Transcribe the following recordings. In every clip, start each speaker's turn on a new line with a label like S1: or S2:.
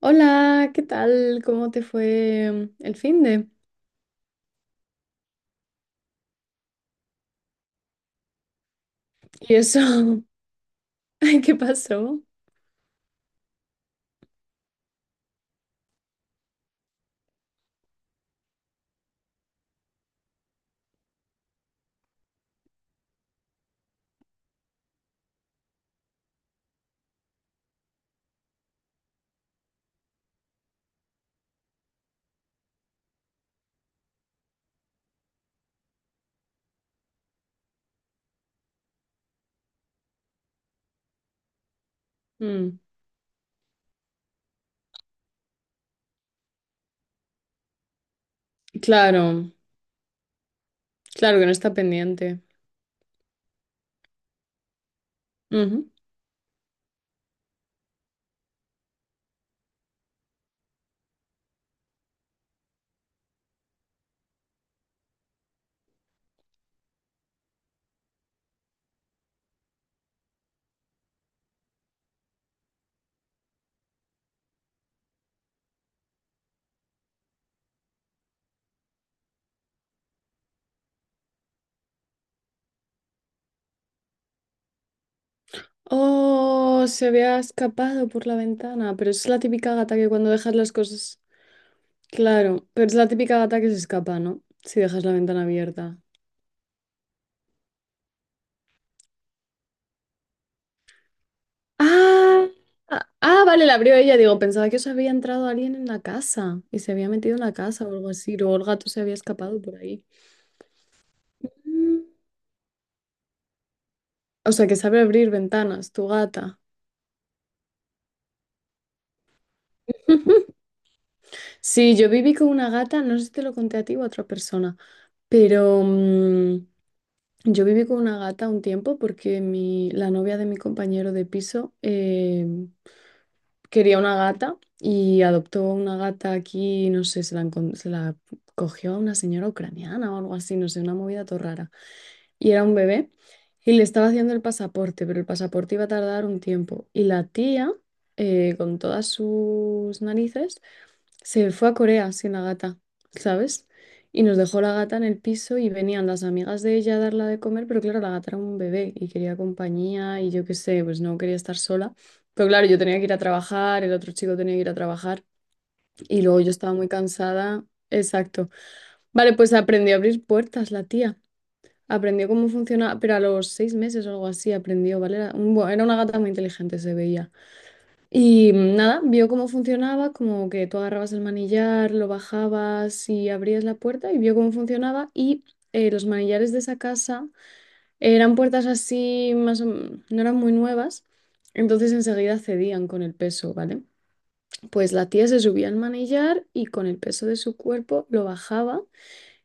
S1: Hola, ¿qué tal? ¿Cómo te fue el fin de? ¿Y eso? Ay, ¿qué pasó? Mm, claro, claro que no está pendiente. Ujú. Oh, se había escapado por la ventana, pero es la típica gata que cuando dejas las cosas... Claro, pero es la típica gata que se escapa, ¿no? Si dejas la ventana abierta. Ah, ah, ah, vale, la abrió ella. Digo, pensaba que os había entrado alguien en la casa y se había metido en la casa o algo así. Luego el gato se había escapado por ahí. O sea, que sabe abrir ventanas, tu gata. Sí, yo viví con una gata, no sé si te lo conté a ti o a otra persona, pero yo viví con una gata un tiempo porque la novia de mi compañero de piso quería una gata y adoptó una gata aquí, no sé, se la cogió a una señora ucraniana o algo así, no sé, una movida todo rara. Y era un bebé, y le estaba haciendo el pasaporte, pero el pasaporte iba a tardar un tiempo. Y la tía, con todas sus narices, se fue a Corea sin la gata, ¿sabes? Y nos dejó la gata en el piso y venían las amigas de ella a darla de comer, pero claro, la gata era un bebé y quería compañía y yo qué sé, pues no quería estar sola. Pero claro, yo tenía que ir a trabajar, el otro chico tenía que ir a trabajar y luego yo estaba muy cansada. Exacto. Vale, pues aprendió a abrir puertas la tía. Aprendió cómo funciona, pero a los 6 meses o algo así aprendió, ¿vale? Era, bueno, era una gata muy inteligente, se veía. Y nada, vio cómo funcionaba, como que tú agarrabas el manillar, lo bajabas y abrías la puerta y vio cómo funcionaba. Y los manillares de esa casa eran puertas así, no eran muy nuevas, entonces enseguida cedían con el peso, ¿vale? Pues la tía se subía al manillar y con el peso de su cuerpo lo bajaba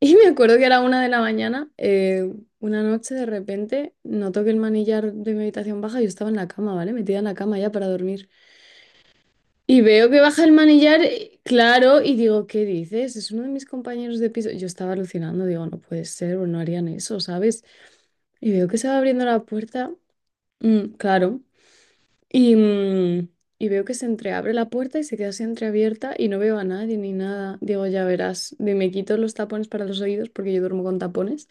S1: y me acuerdo que era 1 de la mañana, una noche de repente noto que el manillar de mi habitación baja, yo estaba en la cama, ¿vale? Metida en la cama ya para dormir. Y veo que baja el manillar, claro, y digo, ¿qué dices? Es uno de mis compañeros de piso. Yo estaba alucinando, digo, no puede ser, o no harían eso, ¿sabes? Y veo que se va abriendo la puerta, mm, claro. Y, mm, y veo que se entreabre la puerta y se queda así entreabierta y no veo a nadie ni nada. Digo, ya verás, me quito los tapones para los oídos porque yo duermo con tapones.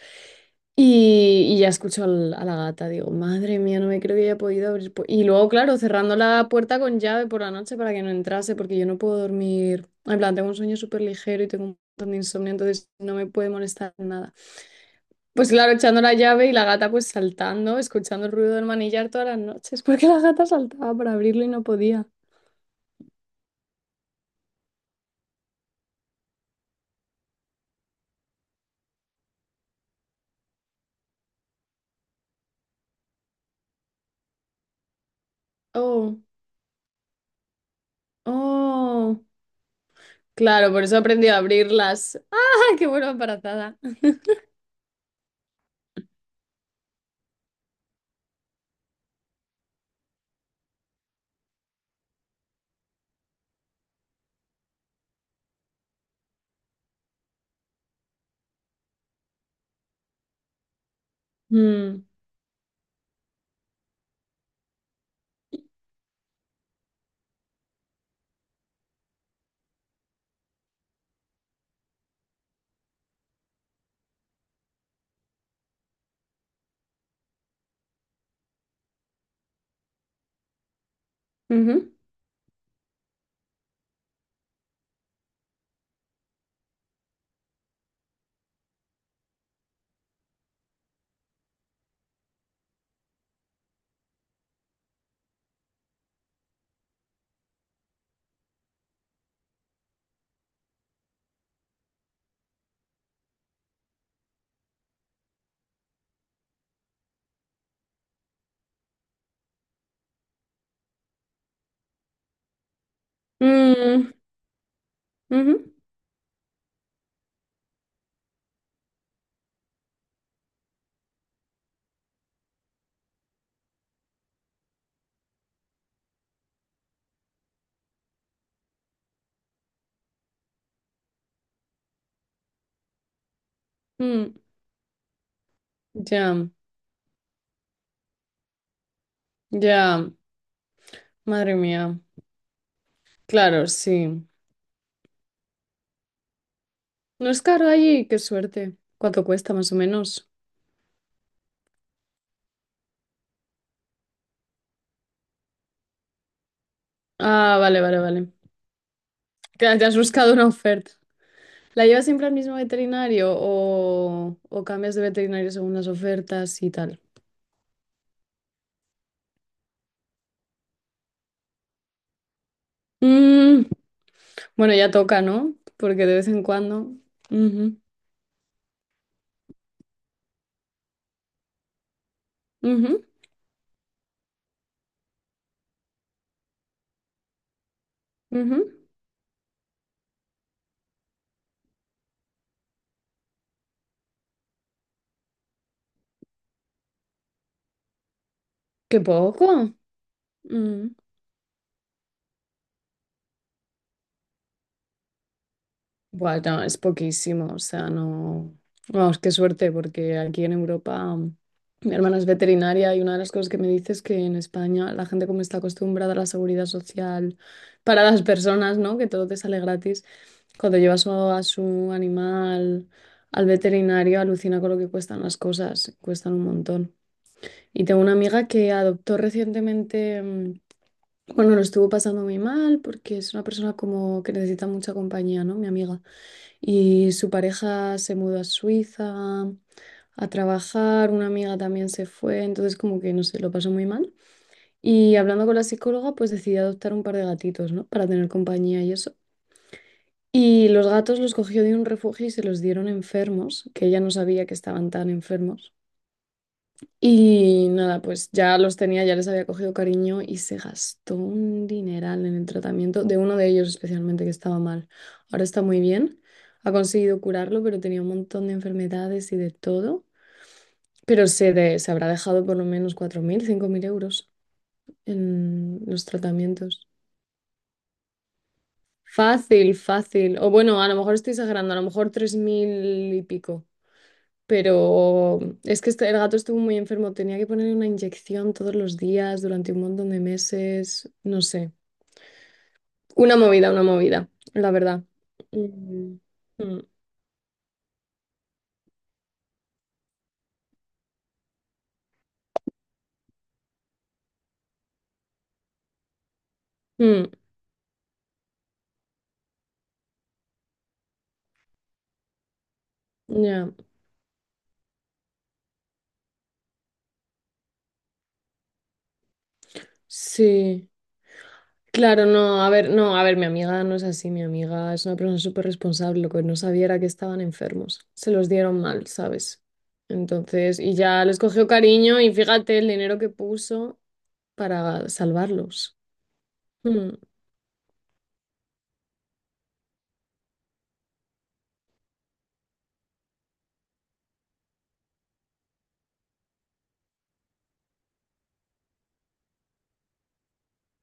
S1: Y ya escucho a la gata, digo, madre mía, no me creo que haya podido abrir. Y luego, claro, cerrando la puerta con llave por la noche para que no entrase, porque yo no puedo dormir. En plan, tengo un sueño súper ligero y tengo un montón de insomnio, entonces no me puede molestar nada. Pues claro, echando la llave y la gata pues saltando, escuchando el ruido del manillar todas las noches, porque la gata saltaba para abrirlo y no podía. Oh, oh. Claro, por eso he aprendido a abrirlas. ¡Ah, qué buena embarazada! Mm, ujú, mm, ujú, mm. Ya, ya, madre mía. Claro, sí. No es caro allí, qué suerte. ¿Cuánto cuesta más o menos? Ah, vale, vale, vale. Claro, te has buscado una oferta. ¿La llevas siempre al mismo veterinario o cambias de veterinario según las ofertas y tal? Mm, bueno, ya toca, ¿no? Porque de vez en cuando. Ujú, ujú, ujú. Qué poco. Mm. Bueno, es poquísimo, o sea, no. Vamos, qué suerte, porque aquí en Europa mi hermana es veterinaria y una de las cosas que me dice es que en España la gente como está acostumbrada a la seguridad social para las personas, ¿no? Que todo te sale gratis. Cuando llevas a su animal al veterinario, alucina con lo que cuestan las cosas, cuestan un montón. Y tengo una amiga que adoptó recientemente, bueno, lo estuvo pasando muy mal porque es una persona como que necesita mucha compañía, ¿no? Mi amiga. Y su pareja se mudó a Suiza a trabajar, una amiga también se fue, entonces como que, no sé, lo pasó muy mal. Y hablando con la psicóloga, pues decidí adoptar un par de gatitos, ¿no? Para tener compañía y eso. Y los gatos los cogió de un refugio y se los dieron enfermos, que ella no sabía que estaban tan enfermos. Y nada, pues ya los tenía, ya les había cogido cariño y se gastó un dineral en el tratamiento de uno de ellos especialmente que estaba mal. Ahora está muy bien, ha conseguido curarlo, pero tenía un montón de enfermedades y de todo. Pero se, se habrá dejado por lo menos 4.000, 5.000 euros en los tratamientos. Fácil, fácil. O bueno, a lo mejor estoy exagerando, a lo mejor 3.000 y pico. Pero es que el gato estuvo muy enfermo, tenía que ponerle una inyección todos los días durante un montón de meses, no sé. Una movida, la verdad. Mm, mm, mm, ya, sí. Claro, no, a ver, no, a ver, mi amiga no es así, mi amiga es una persona súper responsable, lo que no sabía era que estaban enfermos, se los dieron mal, ¿sabes? Entonces, y ya les cogió cariño y fíjate el dinero que puso para salvarlos. Mm,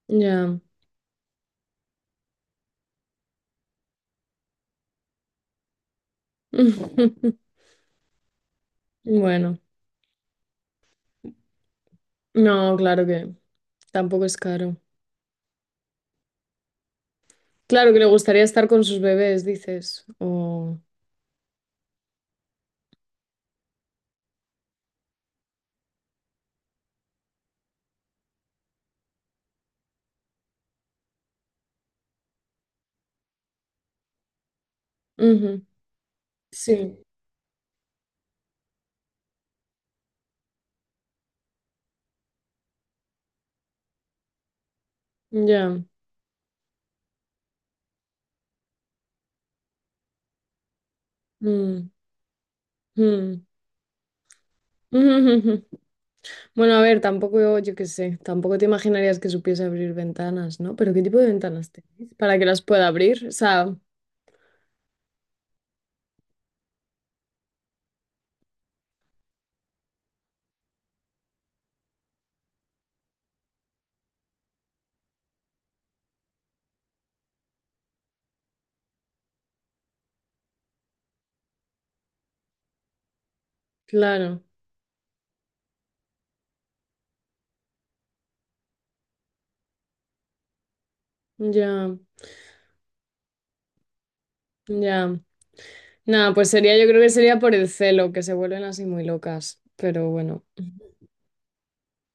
S1: ya. Bueno, no, claro que tampoco es caro. Claro que le gustaría estar con sus bebés, dices. O... Ujú, sí, ya. Mm, mm. Bueno, a ver, tampoco yo, yo qué sé, tampoco te imaginarías que supiese abrir ventanas, ¿no? Pero ¿qué tipo de ventanas tenéis para que las pueda abrir? O sea, claro, ya, ya. Nada, pues sería, yo creo que sería por el celo, que se vuelven así muy locas, pero bueno,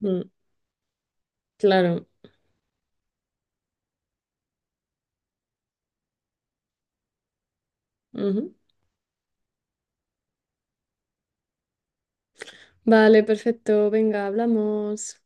S1: mm, claro. Vale, perfecto. Venga, hablamos.